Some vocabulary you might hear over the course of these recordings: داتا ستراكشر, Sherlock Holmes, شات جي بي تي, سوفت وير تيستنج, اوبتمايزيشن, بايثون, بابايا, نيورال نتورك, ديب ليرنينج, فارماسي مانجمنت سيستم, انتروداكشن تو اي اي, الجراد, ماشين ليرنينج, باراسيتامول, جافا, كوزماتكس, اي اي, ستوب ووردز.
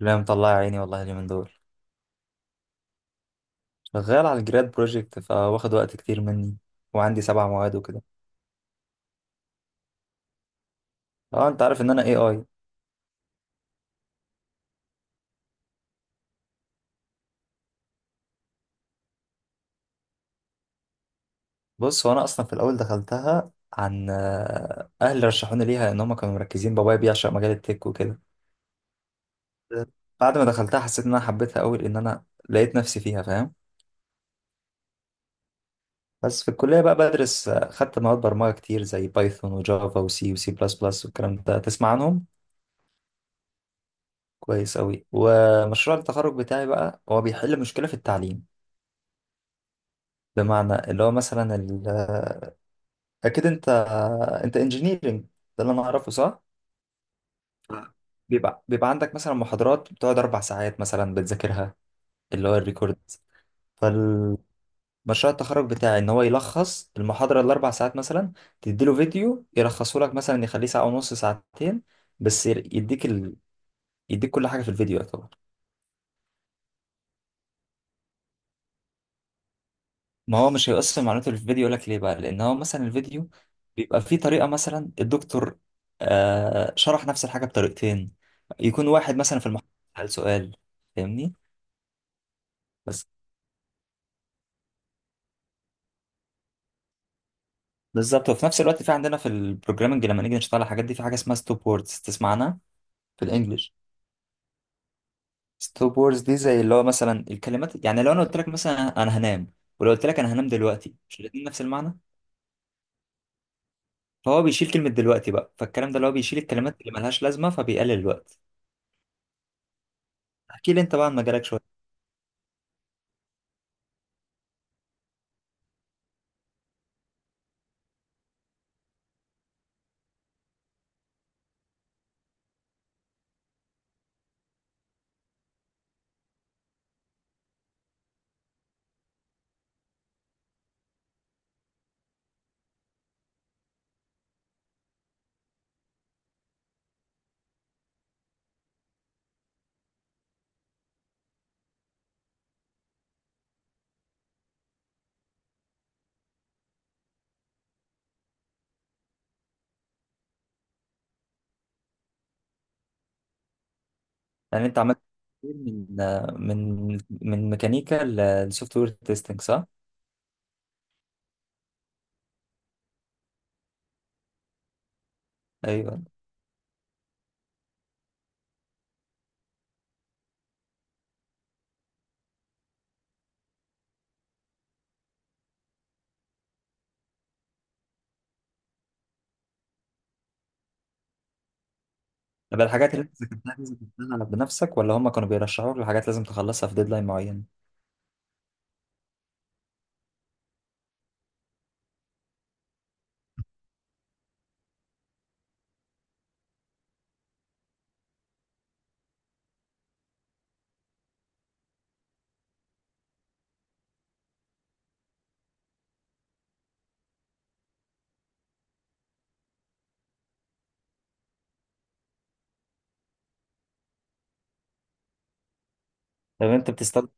لا، مطلع عيني والله اليومين دول. شغال على الجراد بروجكت، فواخد وقت كتير مني، وعندي سبع مواد وكده. اه، انت عارف ان انا اي اي. بص، هو انا اصلا في الاول دخلتها عن، اهلي رشحوني ليها، ان هم كانوا مركزين. بابايا بيعشق مجال التك وكده. بعد ما دخلتها حسيت ان انا حبيتها قوي، لان انا لقيت نفسي فيها، فاهم. بس في الكليه بقى بدرس، خدت مواد برمجه كتير زي بايثون وجافا وسي وسي بلس بلس، والكلام ده تسمع عنهم كويس قوي. ومشروع التخرج بتاعي بقى هو بيحل مشكله في التعليم، بمعنى اللي هو مثلا اكيد انت انجينيرنج، ده اللي انا اعرفه، صح؟ آه. بيبقى عندك مثلا محاضرات بتقعد اربع ساعات، مثلا بتذاكرها، اللي هو الريكورد. فالمشروع التخرج بتاعي ان هو يلخص المحاضره الاربع ساعات، مثلا تديله فيديو يلخصه لك، مثلا يخليه ساعه ونص، ساعتين، بس يديك كل حاجه في الفيديو. ما هو مش هيقص في معلومات اللي في الفيديو، يقول لك ليه بقى، لان هو مثلا الفيديو بيبقى فيه طريقه، مثلا الدكتور شرح نفس الحاجه بطريقتين، يكون واحد مثلا في المحاضره سأل سؤال، فاهمني، بس بالظبط. وفي نفس الوقت في عندنا في البروجرامنج، لما نيجي نشتغل على الحاجات دي، في حاجه اسمها ستوب ووردز، تسمعنا في الانجليش. ستوب ووردز دي زي اللي هو مثلا الكلمات، يعني لو انا قلت لك مثلا انا هنام، ولو قلت لك انا هنام دلوقتي، مش الاتنين نفس المعنى. فهو بيشيل كلمه دلوقتي بقى، فالكلام ده اللي هو بيشيل الكلمات اللي ملهاش لازمه، فبيقلل الوقت. احكي لي انت بقى عن مجالك شويه. يعني انت عملت كتير من من ميكانيكا للسوفت وير تيستنج، صح؟ ايوه. طب الحاجات اللي انت ذاكرتها دي، ذاكرتها بنفسك ولا هم كانوا بيرشحوك لحاجات لازم تخلصها في ديدلاين معين؟ طب انت بتستخدم،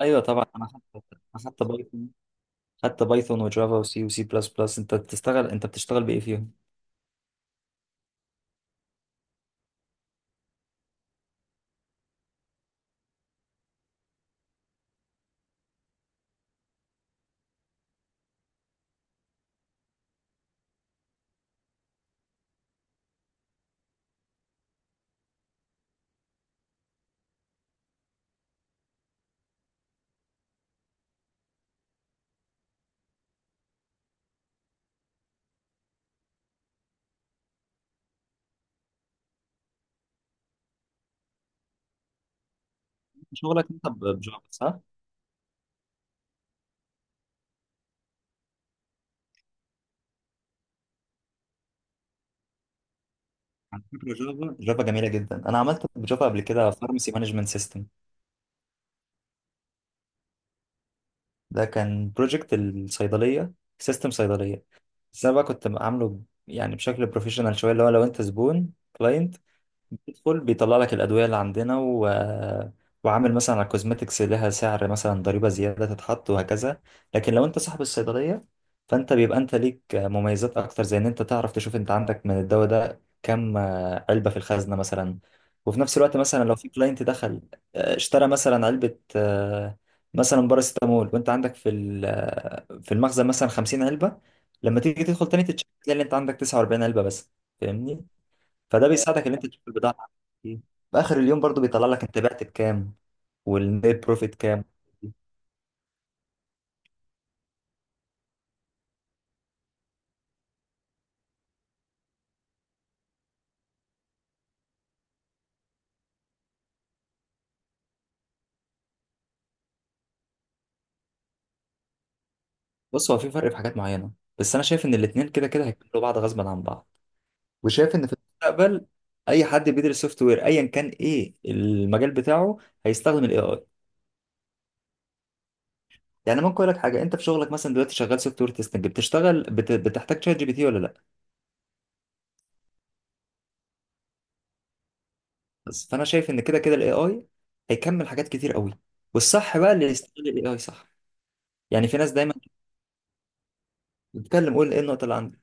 ايوه طبعا. انا خدت أنا خدت بايثون، وجافا وسي وسي بلس بلس، انت بتشتغل بايه فيهم؟ شغلك انت بجافا، صح؟ على فكره جافا جافا جميله جدا، انا عملت بجافا قبل كده فارماسي مانجمنت سيستم. ده كان بروجكت الصيدليه، سيستم صيدليه. بس انا بقى كنت عامله يعني بشكل بروفيشنال شويه، اللي هو لو انت زبون كلاينت بيدخل بيطلع لك الأدوية اللي عندنا، وعامل مثلا على الكوزماتكس لها سعر، مثلا ضريبة زيادة تتحط وهكذا. لكن لو أنت صاحب الصيدلية، فأنت بيبقى أنت ليك مميزات أكتر، زي إن أنت تعرف تشوف أنت عندك من الدواء ده كم علبة في الخزنة مثلا. وفي نفس الوقت مثلا لو في كلاينت دخل، اشترى مثلا علبة، مثلا باراسيتامول، وأنت عندك في ال- آه، في المخزن مثلا 50 علبة، لما تيجي تدخل تاني تتشيك تلاقي إن أنت عندك 49 علبة بس، فاهمني. فده بيساعدك ان انت تشوف البضاعه بتاعتك. إيه. في اخر اليوم برضو بيطلع لك انت بعت بكام، والنت بروفيت كام. بص، هو في فرق في حاجات معينه، بس انا شايف ان الاثنين كده كده هيكملوا بعض غصبا عن بعض. وشايف ان في المستقبل اي حد بيدرس سوفت وير، ايا كان ايه المجال بتاعه، هيستخدم الاي اي. يعني ممكن اقول لك حاجه، انت في شغلك مثلا دلوقتي شغال سوفت وير تيستنج، بتشتغل بتحتاج شات جي بي تي ولا لا؟ بس فانا شايف ان كده كده الاي اي هيكمل حاجات كتير قوي، والصح بقى اللي يستغل الاي اي صح. يعني في ناس دايما بتتكلم، قول ايه النقطه اللي عندك.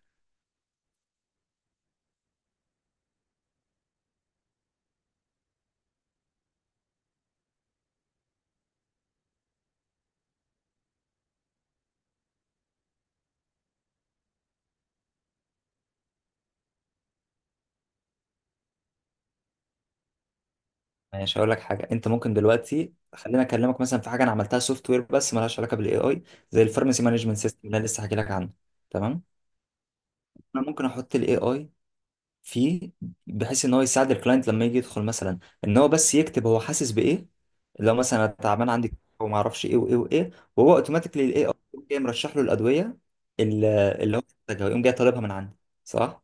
ماشي، هقول لك حاجه. انت ممكن دلوقتي، خليني اكلمك مثلا في حاجه انا عملتها سوفت وير بس مالهاش علاقه بالاي اي، زي الفارماسي مانجمنت سيستم اللي انا لسه هحكي لك عنه، تمام؟ انا ممكن احط الاي اي فيه، بحيث ان هو يساعد الكلاينت لما يجي يدخل، مثلا ان هو بس يكتب هو حاسس بايه. لو مثلا أنا تعبان عندي وما اعرفش ايه وايه وايه، وهو اوتوماتيكلي الاي اي جاي مرشح له الادويه اللي هو محتاجها، ويقوم جاي طالبها من عندي، صح.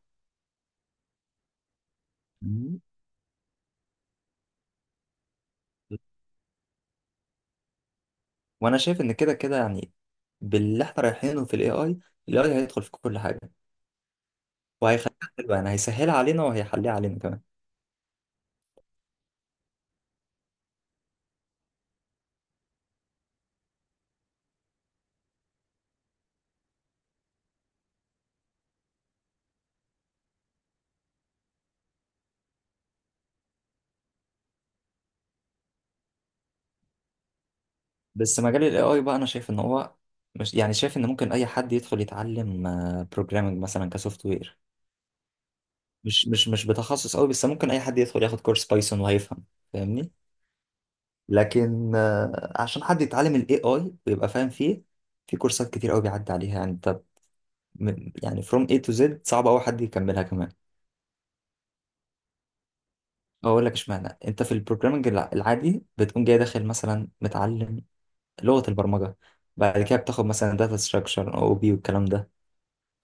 مم. وانا شايف ان كده كده يعني، باللي احنا رايحينه في الاي اي هيدخل في كل حاجه، وهيخليها حلوة، يعني هيسهلها علينا وهيحليها علينا كمان. بس مجال ال AI بقى أنا شايف إن هو، مش يعني شايف إن ممكن أي حد يدخل يتعلم بروجرامنج مثلا كسوفت وير، مش بتخصص قوي، بس ممكن أي حد يدخل ياخد كورس بايثون وهيفهم، فاهمني. لكن عشان حد يتعلم ال AI ويبقى فاهم فيه، في كورسات كتير قوي بيعدي عليها، يعني أنت يعني from A to Z صعب أوي حد يكملها كمان. أقول لك إشمعنى، أنت في البروجرامنج العادي بتقوم جاي داخل مثلا متعلم لغة البرمجة، بعد كده بتاخد مثلا داتا ستراكشر او بي والكلام ده،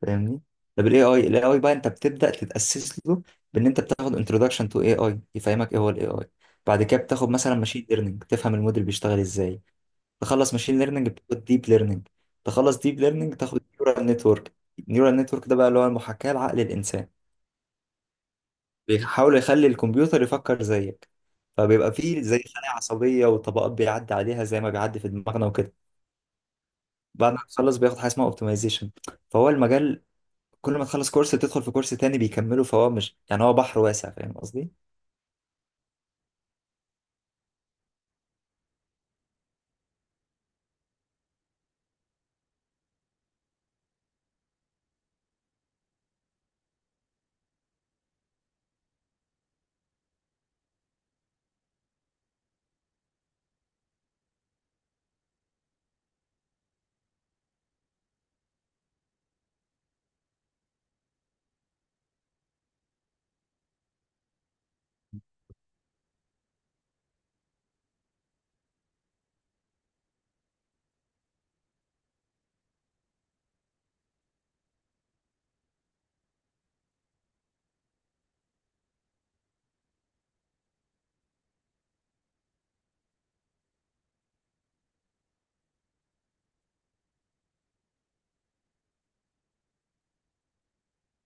فاهمني. طب الاي اي بقى انت بتبدأ تتأسس له، بان انت بتاخد انتروداكشن تو اي اي يفهمك ايه هو الاي اي. بعد كده بتاخد مثلا ماشين ليرنينج، تفهم الموديل بيشتغل ازاي. تخلص ماشين ليرنينج بتاخد ديب ليرنينج، تخلص ديب ليرنينج تاخد نيورال نتورك. نيورال نتورك ده بقى اللي هو المحاكاة لعقل الانسان، بيحاول يخلي الكمبيوتر يفكر زيك. فبيبقى فيه زي خلايا عصبية وطبقات بيعدي عليها زي ما بيعدي في دماغنا وكده. بعد ما تخلص بياخد حاجه اسمها اوبتمايزيشن، فهو المجال كل ما تخلص كورس بتدخل في كورس تاني بيكمله، فهو مش يعني، هو بحر واسع، فاهم قصدي؟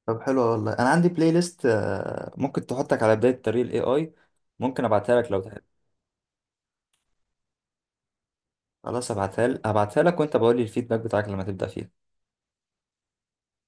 طب حلو والله، انا عندي بلاي ليست، ممكن تحطك على بدايه طريق الاي اي، ممكن ابعتها لك لو تحب. خلاص ابعتها لك، وانت بقول لي الفيدباك بتاعك لما تبدا فيها.